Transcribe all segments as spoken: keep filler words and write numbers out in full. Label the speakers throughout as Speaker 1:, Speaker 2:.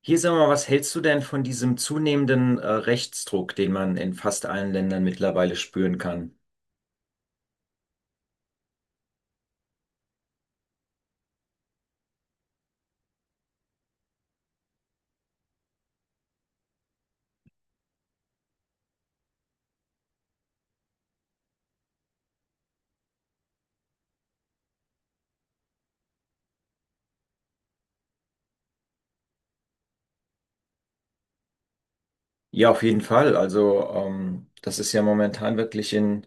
Speaker 1: Hier sag mal, was hältst du denn von diesem zunehmenden äh, Rechtsdruck, den man in fast allen Ländern mittlerweile spüren kann? Ja, auf jeden Fall. Also ähm, das ist ja momentan wirklich in,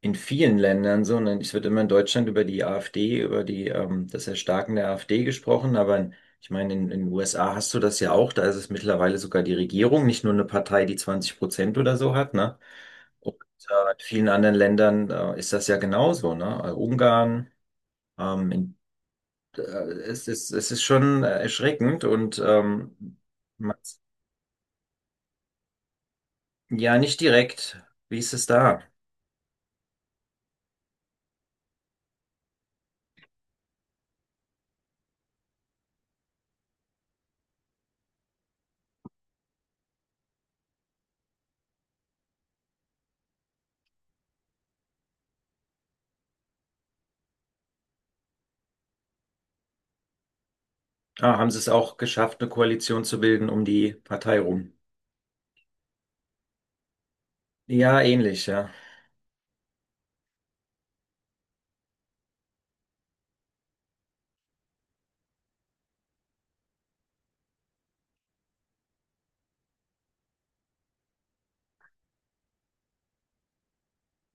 Speaker 1: in vielen Ländern so. Und es wird immer in Deutschland über die AfD, über die, ähm, das Erstarken der AfD gesprochen. Aber in, ich meine, in, in den U S A hast du das ja auch. Da ist es mittlerweile sogar die Regierung, nicht nur eine Partei, die zwanzig Prozent oder so hat, ne? Und äh, in vielen anderen Ländern äh, ist das ja genauso, ne? Äh, Ungarn. Ähm, in äh, es ist, es ist schon äh, erschreckend und ähm, man- ja, nicht direkt. Wie ist es da? Ah, haben sie es auch geschafft, eine Koalition zu bilden um die Partei rum? Ja, ähnlich, ja.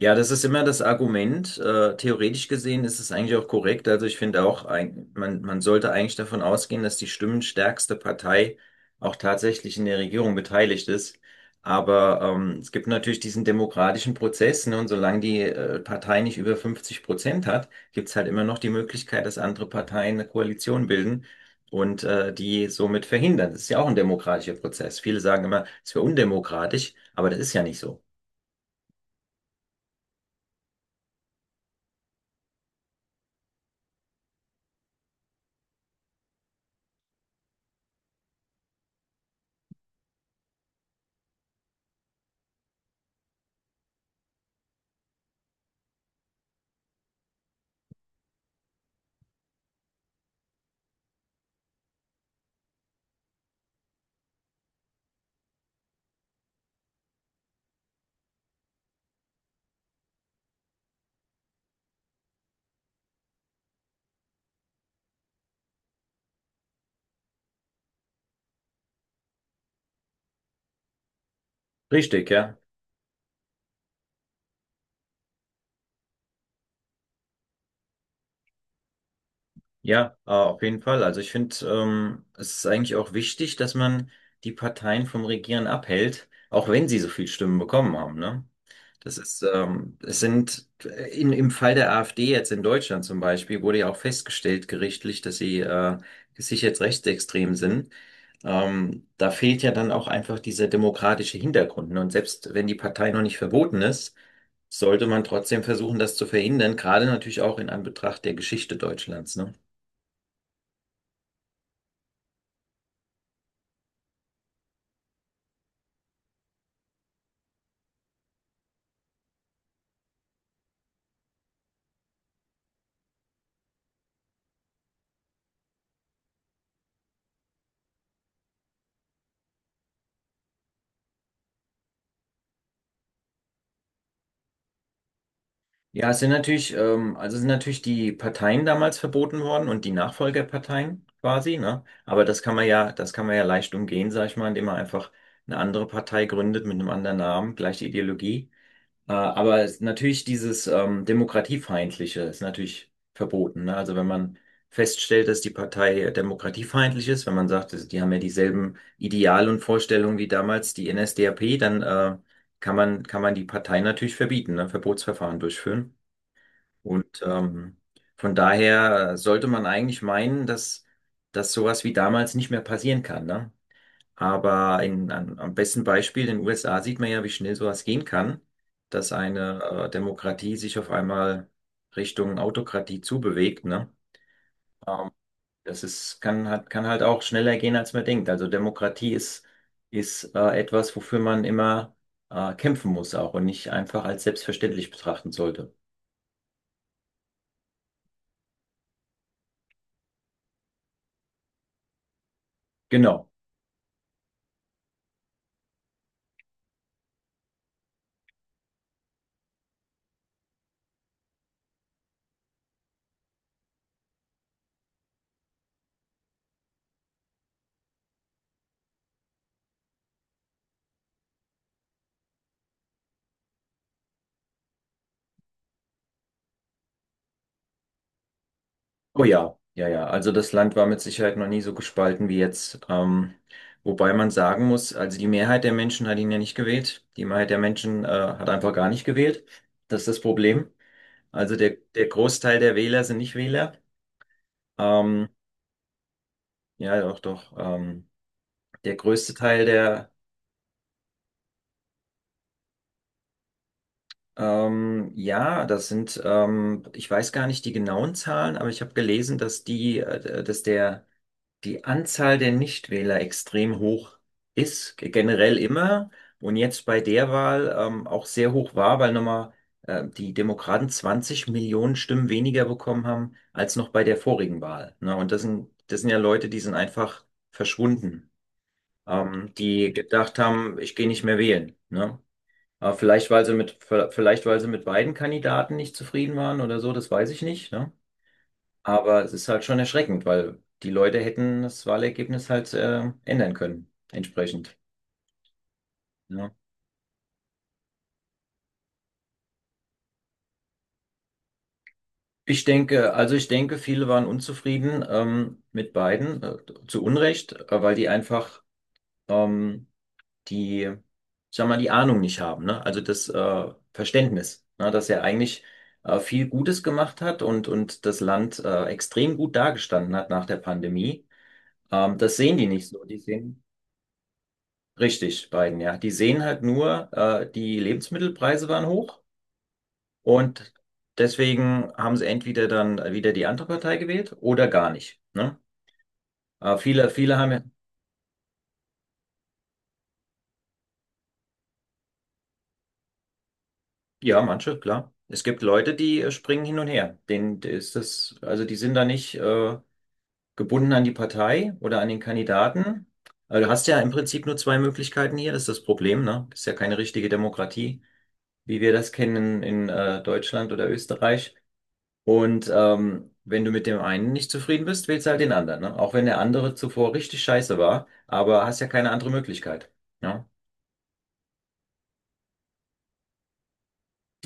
Speaker 1: Ja, das ist immer das Argument. Äh, theoretisch gesehen ist es eigentlich auch korrekt. Also ich finde auch, ein- man, man sollte eigentlich davon ausgehen, dass die stimmenstärkste Partei auch tatsächlich in der Regierung beteiligt ist. Aber ähm, es gibt natürlich diesen demokratischen Prozess, ne, und solange die äh, Partei nicht über fünfzig Prozent hat, gibt's halt immer noch die Möglichkeit, dass andere Parteien eine Koalition bilden und äh, die somit verhindern. Das ist ja auch ein demokratischer Prozess. Viele sagen immer, es wäre undemokratisch, aber das ist ja nicht so. Richtig, ja. Ja, äh, auf jeden Fall. Also ich finde, ähm, es ist eigentlich auch wichtig, dass man die Parteien vom Regieren abhält, auch wenn sie so viel Stimmen bekommen haben, ne? Das ist, ähm, es sind äh, in, im Fall der AfD jetzt in Deutschland zum Beispiel wurde ja auch festgestellt gerichtlich, dass sie äh, sich jetzt rechtsextrem sind. Ähm, da fehlt ja dann auch einfach dieser demokratische Hintergrund. Ne? Und selbst wenn die Partei noch nicht verboten ist, sollte man trotzdem versuchen, das zu verhindern, gerade natürlich auch in Anbetracht der Geschichte Deutschlands, ne? Ja, es sind natürlich, ähm, also es sind natürlich die Parteien damals verboten worden und die Nachfolgerparteien quasi, ne? Aber das kann man ja, das kann man ja leicht umgehen, sag ich mal, indem man einfach eine andere Partei gründet mit einem anderen Namen, gleiche Ideologie. Äh, aber es, natürlich dieses ähm, Demokratiefeindliche ist natürlich verboten, ne? Also wenn man feststellt, dass die Partei demokratiefeindlich ist, wenn man sagt, dass die haben ja dieselben Ideale und Vorstellungen wie damals die N S D A P, dann äh, kann man, kann man die Partei natürlich verbieten, ne? Verbotsverfahren durchführen. Und ähm, von daher sollte man eigentlich meinen, dass, dass sowas wie damals nicht mehr passieren kann, ne? Aber in, an, am besten Beispiel in den U S A sieht man ja, wie schnell sowas gehen kann, dass eine äh, Demokratie sich auf einmal Richtung Autokratie zubewegt, ne? Das ist, kann, hat, Kann halt auch schneller gehen, als man denkt. Also Demokratie ist, ist äh, etwas, wofür man immer äh, kämpfen muss auch und nicht einfach als selbstverständlich betrachten sollte. Genau. Oh ja, ja, ja. Also das Land war mit Sicherheit noch nie so gespalten wie jetzt. Ähm, wobei man sagen muss, also die Mehrheit der Menschen hat ihn ja nicht gewählt. Die Mehrheit der Menschen äh, hat einfach gar nicht gewählt. Das ist das Problem. Also der, der Großteil der Wähler sind nicht Wähler. Ähm, ja, doch, doch. Ähm, der größte Teil der, ähm, Ja, das sind, ähm, ich weiß gar nicht die genauen Zahlen, aber ich habe gelesen, dass die, äh, dass der die Anzahl der Nichtwähler extrem hoch ist, ge- generell immer und jetzt bei der Wahl ähm, auch sehr hoch war, weil nochmal äh, die Demokraten zwanzig Millionen Stimmen weniger bekommen haben als noch bei der vorigen Wahl. Ne? Und das sind, das sind ja Leute, die sind einfach verschwunden, ähm, die gedacht haben, ich gehe nicht mehr wählen. Ne? Aber vielleicht, weil sie mit, Vielleicht, weil sie mit beiden Kandidaten nicht zufrieden waren oder so, das weiß ich nicht. Ne? Aber es ist halt schon erschreckend, weil die Leute hätten das Wahlergebnis halt äh, ändern können, entsprechend. Ja. Ich denke, also ich denke, viele waren unzufrieden ähm, mit Biden, äh, zu Unrecht, äh, weil die einfach ähm, die, ich sag mal, die Ahnung nicht haben, ne? Also das äh, Verständnis, ne? Dass er eigentlich äh, viel Gutes gemacht hat und, und das Land äh, extrem gut dargestanden hat nach der Pandemie. Ähm, das sehen die nicht so. Die sehen Richtig, Biden, ja. Die sehen halt nur, äh, die Lebensmittelpreise waren hoch und deswegen haben sie entweder dann wieder die andere Partei gewählt oder gar nicht. Ne? Äh, viele, viele haben ja, ja, manche, klar. Es gibt Leute, die äh, springen hin und her. Denen ist das, also die sind da nicht äh, gebunden an die Partei oder an den Kandidaten. Also du hast ja im Prinzip nur zwei Möglichkeiten hier, das ist das Problem, ne? Das ist ja keine richtige Demokratie, wie wir das kennen in äh, Deutschland oder Österreich. Und ähm, wenn du mit dem einen nicht zufrieden bist, wählst du halt den anderen, ne? Auch wenn der andere zuvor richtig scheiße war, aber hast ja keine andere Möglichkeit. Ja,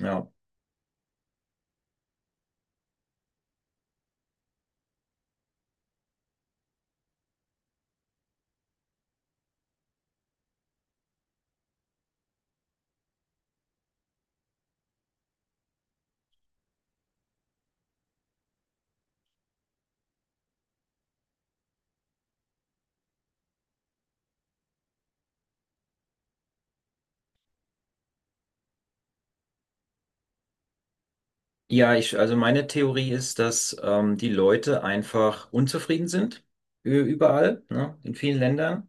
Speaker 1: ja. Ja, ich, also meine Theorie ist, dass ähm, die Leute einfach unzufrieden sind, ü- überall, ne? In vielen Ländern.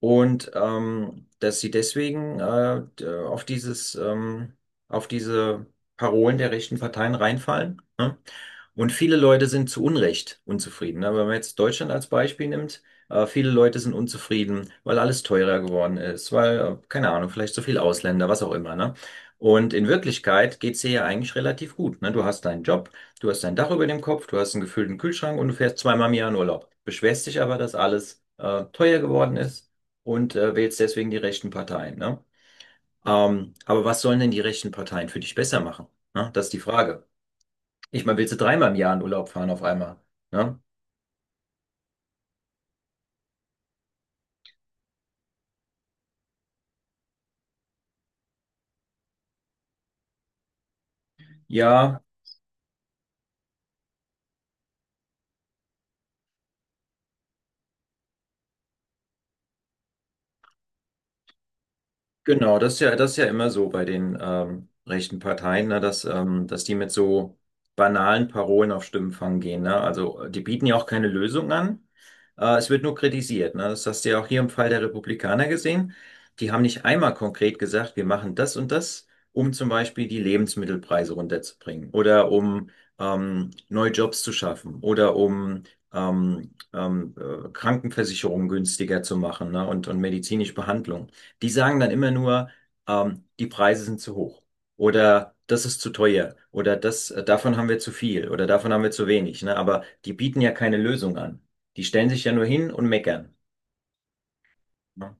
Speaker 1: Und ähm, dass sie deswegen äh, d- auf dieses, ähm, auf diese Parolen der rechten Parteien reinfallen. Ne? Und viele Leute sind zu Unrecht unzufrieden. Ne? Wenn man jetzt Deutschland als Beispiel nimmt, äh, viele Leute sind unzufrieden, weil alles teurer geworden ist, weil, äh, keine Ahnung, vielleicht so viel Ausländer, was auch immer. Ne? Und in Wirklichkeit geht's dir ja eigentlich relativ gut. Ne? Du hast deinen Job, du hast dein Dach über dem Kopf, du hast einen gefüllten Kühlschrank und du fährst zweimal im Jahr in Urlaub. Beschwerst dich aber, dass alles äh, teuer geworden ist und äh, wählst deswegen die rechten Parteien. Ne? Ähm, aber was sollen denn die rechten Parteien für dich besser machen? Ne? Das ist die Frage. Ich meine, willst du dreimal im Jahr in Urlaub fahren auf einmal? Ne? Ja, genau, das ist ja, das ist ja immer so bei den ähm, rechten Parteien, ne, dass, ähm, dass die mit so banalen Parolen auf Stimmenfang gehen. Ne? Also die bieten ja auch keine Lösung an. Äh, es wird nur kritisiert. Ne? Das hast du ja auch hier im Fall der Republikaner gesehen. Die haben nicht einmal konkret gesagt, wir machen das und das, um zum Beispiel die Lebensmittelpreise runterzubringen oder um ähm, neue Jobs zu schaffen oder um ähm, ähm, äh, Krankenversicherungen günstiger zu machen, ne? und, und medizinische Behandlung. Die sagen dann immer nur, ähm, die Preise sind zu hoch oder das ist zu teuer oder das, äh, davon haben wir zu viel oder davon haben wir zu wenig, ne? Aber die bieten ja keine Lösung an. Die stellen sich ja nur hin und meckern. Ne?